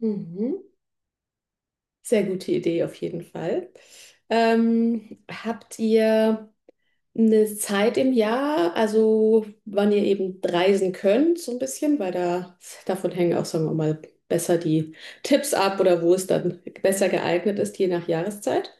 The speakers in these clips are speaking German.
Mhm. Sehr gute Idee auf jeden Fall. Habt ihr eine Zeit im Jahr, also wann ihr eben reisen könnt, so ein bisschen? Weil da davon hängen auch, sagen wir mal, besser die Tipps ab, oder wo es dann besser geeignet ist, je nach Jahreszeit?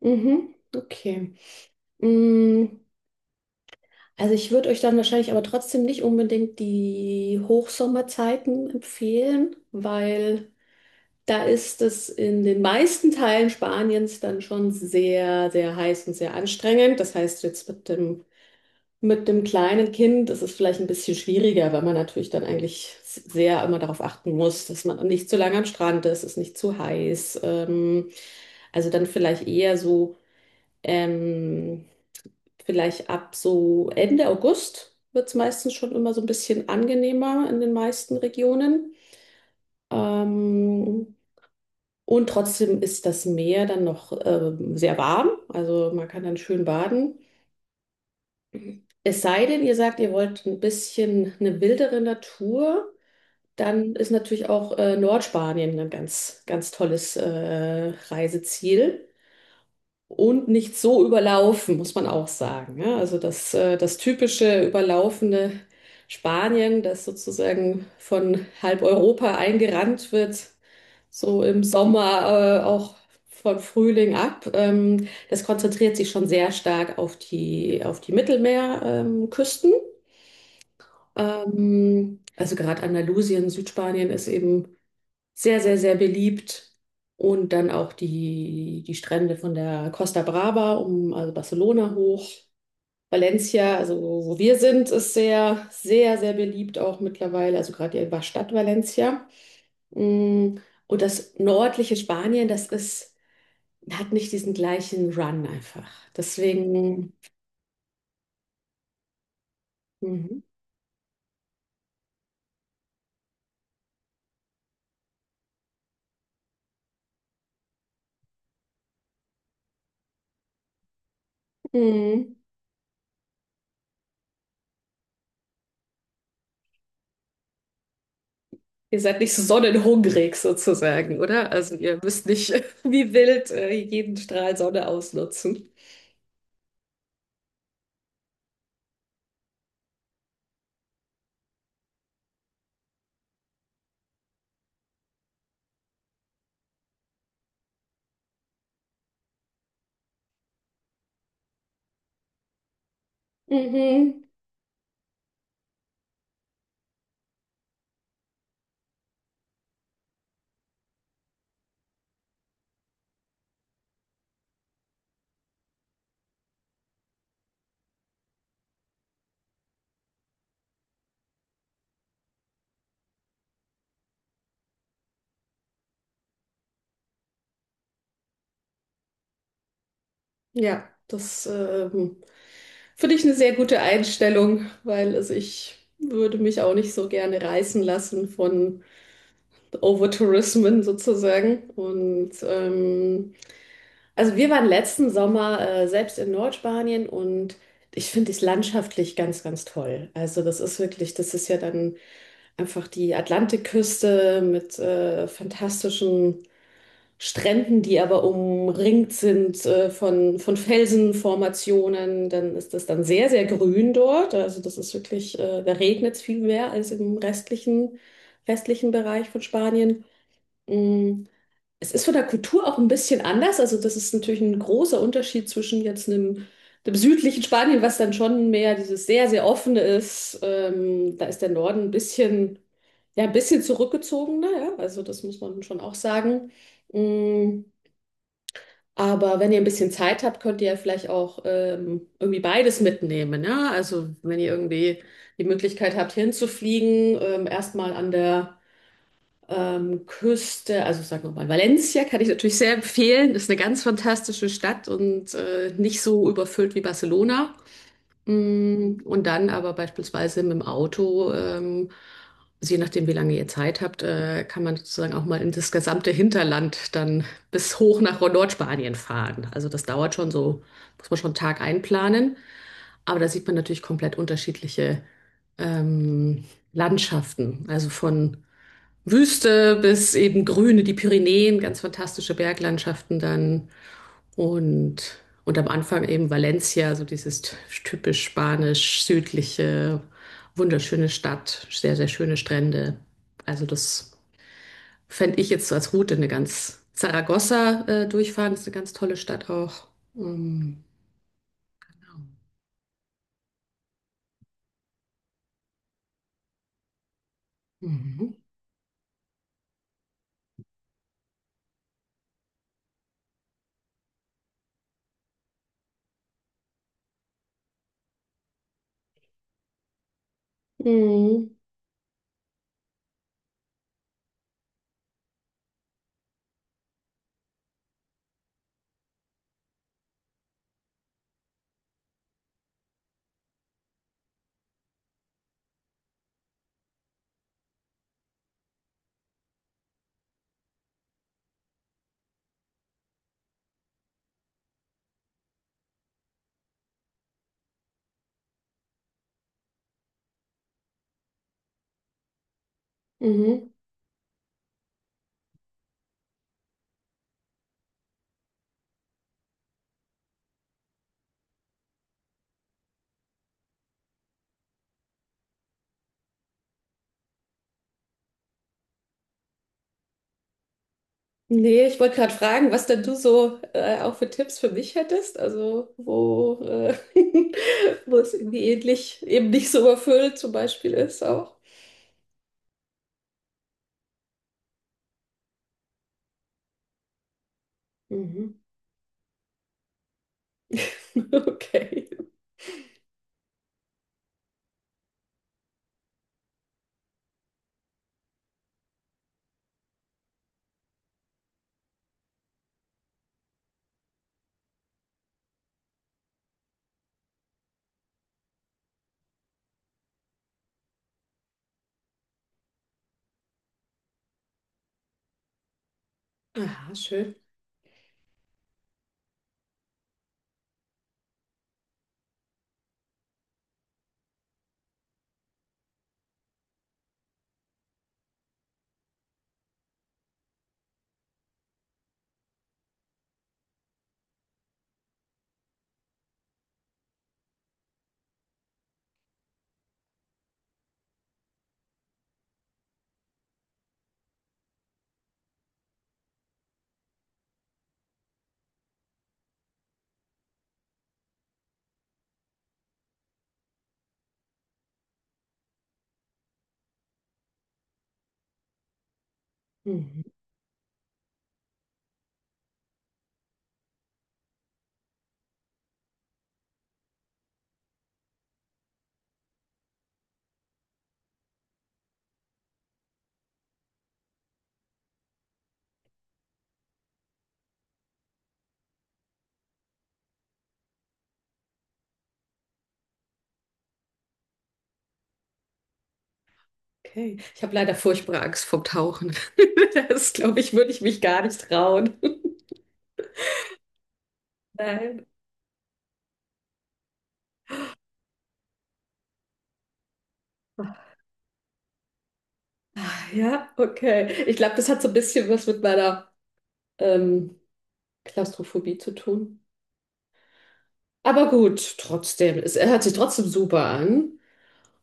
Mhm, okay. Mm, also ich würde euch dann wahrscheinlich aber trotzdem nicht unbedingt die Hochsommerzeiten empfehlen, weil da ist es in den meisten Teilen Spaniens dann schon sehr, sehr heiß und sehr anstrengend. Das heißt, mit dem kleinen Kind ist es vielleicht ein bisschen schwieriger, weil man natürlich dann eigentlich sehr immer darauf achten muss, dass man nicht zu lange am Strand ist, es ist nicht zu heiß. Also dann vielleicht eher so, ähm, Vielleicht ab so Ende August wird es meistens schon immer so ein bisschen angenehmer in den meisten Regionen. Ähm, und trotzdem ist das Meer dann noch sehr warm, also man kann dann schön baden. Es sei denn, ihr sagt, ihr wollt ein bisschen eine wildere Natur, dann ist natürlich auch Nordspanien ein ganz, ganz tolles Reiseziel und nicht so überlaufen, muss man auch sagen. Ja, also das typische überlaufende Spanien, das sozusagen von halb Europa eingerannt wird, so im Sommer, auch von Frühling ab. Das konzentriert sich schon sehr stark auf die Mittelmeerküsten. Küsten. Also gerade Andalusien, Südspanien ist eben sehr, sehr, sehr beliebt. Und dann auch die Strände von der Costa Brava, um, also Barcelona hoch. Valencia, also wo wir sind, ist sehr, sehr, sehr beliebt auch mittlerweile, also gerade die Stadt Valencia. Mm, und das nördliche Spanien, hat nicht diesen gleichen Run einfach. Deswegen, mhm. Mhm. Ihr seid nicht so sonnenhungrig sozusagen, oder? Also ihr müsst nicht wie wild jeden Strahl Sonne ausnutzen. Mhm. Ja, das finde ich eine sehr gute Einstellung, weil also ich würde mich auch nicht so gerne reißen lassen von Overtourismen sozusagen. Und also wir waren letzten Sommer selbst in Nordspanien und ich finde es landschaftlich ganz, ganz toll. Also das ist wirklich, das ist ja dann einfach die Atlantikküste mit fantastischen Stränden, die aber umringt sind von Felsenformationen, dann ist das dann sehr, sehr grün dort. Also das ist wirklich, da regnet es viel mehr als im restlichen Bereich von Spanien. Mm, es ist von der Kultur auch ein bisschen anders. Also das ist natürlich ein großer Unterschied zwischen dem südlichen Spanien, was dann schon mehr dieses sehr, sehr offene ist. Da ist der Norden ein bisschen, ja, ein bisschen zurückgezogener, ja. Also das muss man schon auch sagen. Mm, aber wenn ihr ein bisschen Zeit habt, könnt ihr ja vielleicht auch irgendwie beides mitnehmen, ja. Also wenn ihr irgendwie die Möglichkeit habt, hinzufliegen, erstmal an der Küste, also sagen wir mal, Valencia kann ich natürlich sehr empfehlen. Ist eine ganz fantastische Stadt und nicht so überfüllt wie Barcelona. Mm, und dann aber beispielsweise mit dem Auto, also je nachdem, wie lange ihr Zeit habt, kann man sozusagen auch mal in das gesamte Hinterland dann bis hoch nach Nordspanien fahren. Also das dauert schon so, muss man schon einen Tag einplanen. Aber da sieht man natürlich komplett unterschiedliche ähm, Landschaften. Also von Wüste bis eben Grüne, die Pyrenäen, ganz fantastische Berglandschaften dann. Und am Anfang eben Valencia, so dieses typisch spanisch-südliche, wunderschöne Stadt, sehr, sehr schöne Strände. Also das fände ich jetzt so als Route eine ganz Zaragoza durchfahren, ist eine ganz tolle Stadt auch. Ähm, genau. Mhm. Mhm. Mhm. Nee, ich wollte gerade fragen, was denn du so auch für Tipps für mich hättest. Also wo, wo es irgendwie ähnlich, eben nicht so überfüllt zum Beispiel ist auch. Mhm. Okay. Aha, schön. Mhm. Okay. Ich habe leider furchtbare Angst vom Tauchen. Das, glaube ich, würde ich mich gar nicht trauen. Nein. Ah, ja, okay. Ich glaube, das hat so ein bisschen was mit meiner ähm, Klaustrophobie zu tun. Aber gut, trotzdem, es hört sich trotzdem super an.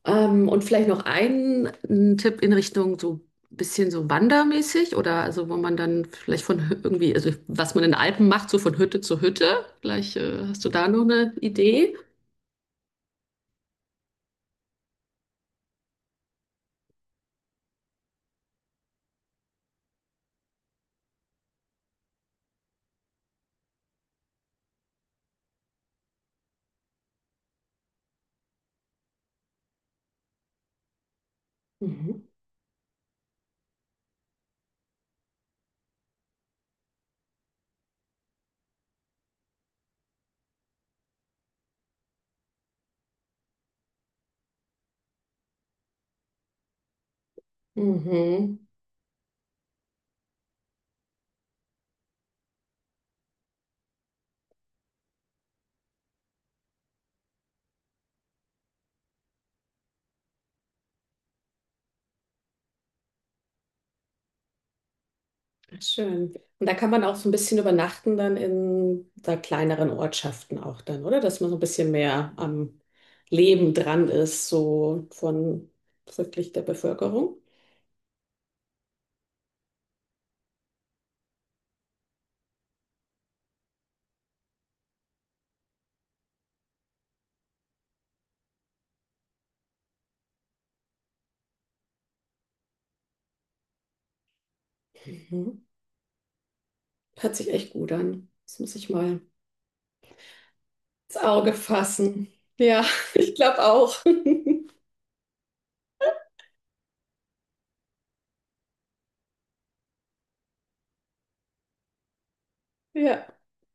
Und vielleicht noch ein Tipp in Richtung so ein bisschen so wandermäßig, oder also wo man dann vielleicht von irgendwie, also was man in den Alpen macht, so von Hütte zu Hütte. Vielleicht hast du da noch eine Idee? Mhm. Mhm. Ach, schön. Und da kann man auch so ein bisschen übernachten dann in da kleineren Ortschaften auch dann, oder? Dass man so ein bisschen mehr am Leben dran ist, so von wirklich der Bevölkerung. Mhm. Hört sich echt gut an. Das muss ich mal ins Auge fassen. Ja, ich glaube auch. Ja,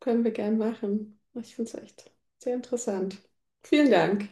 können wir gern machen. Ich finde es echt sehr interessant. Vielen Dank.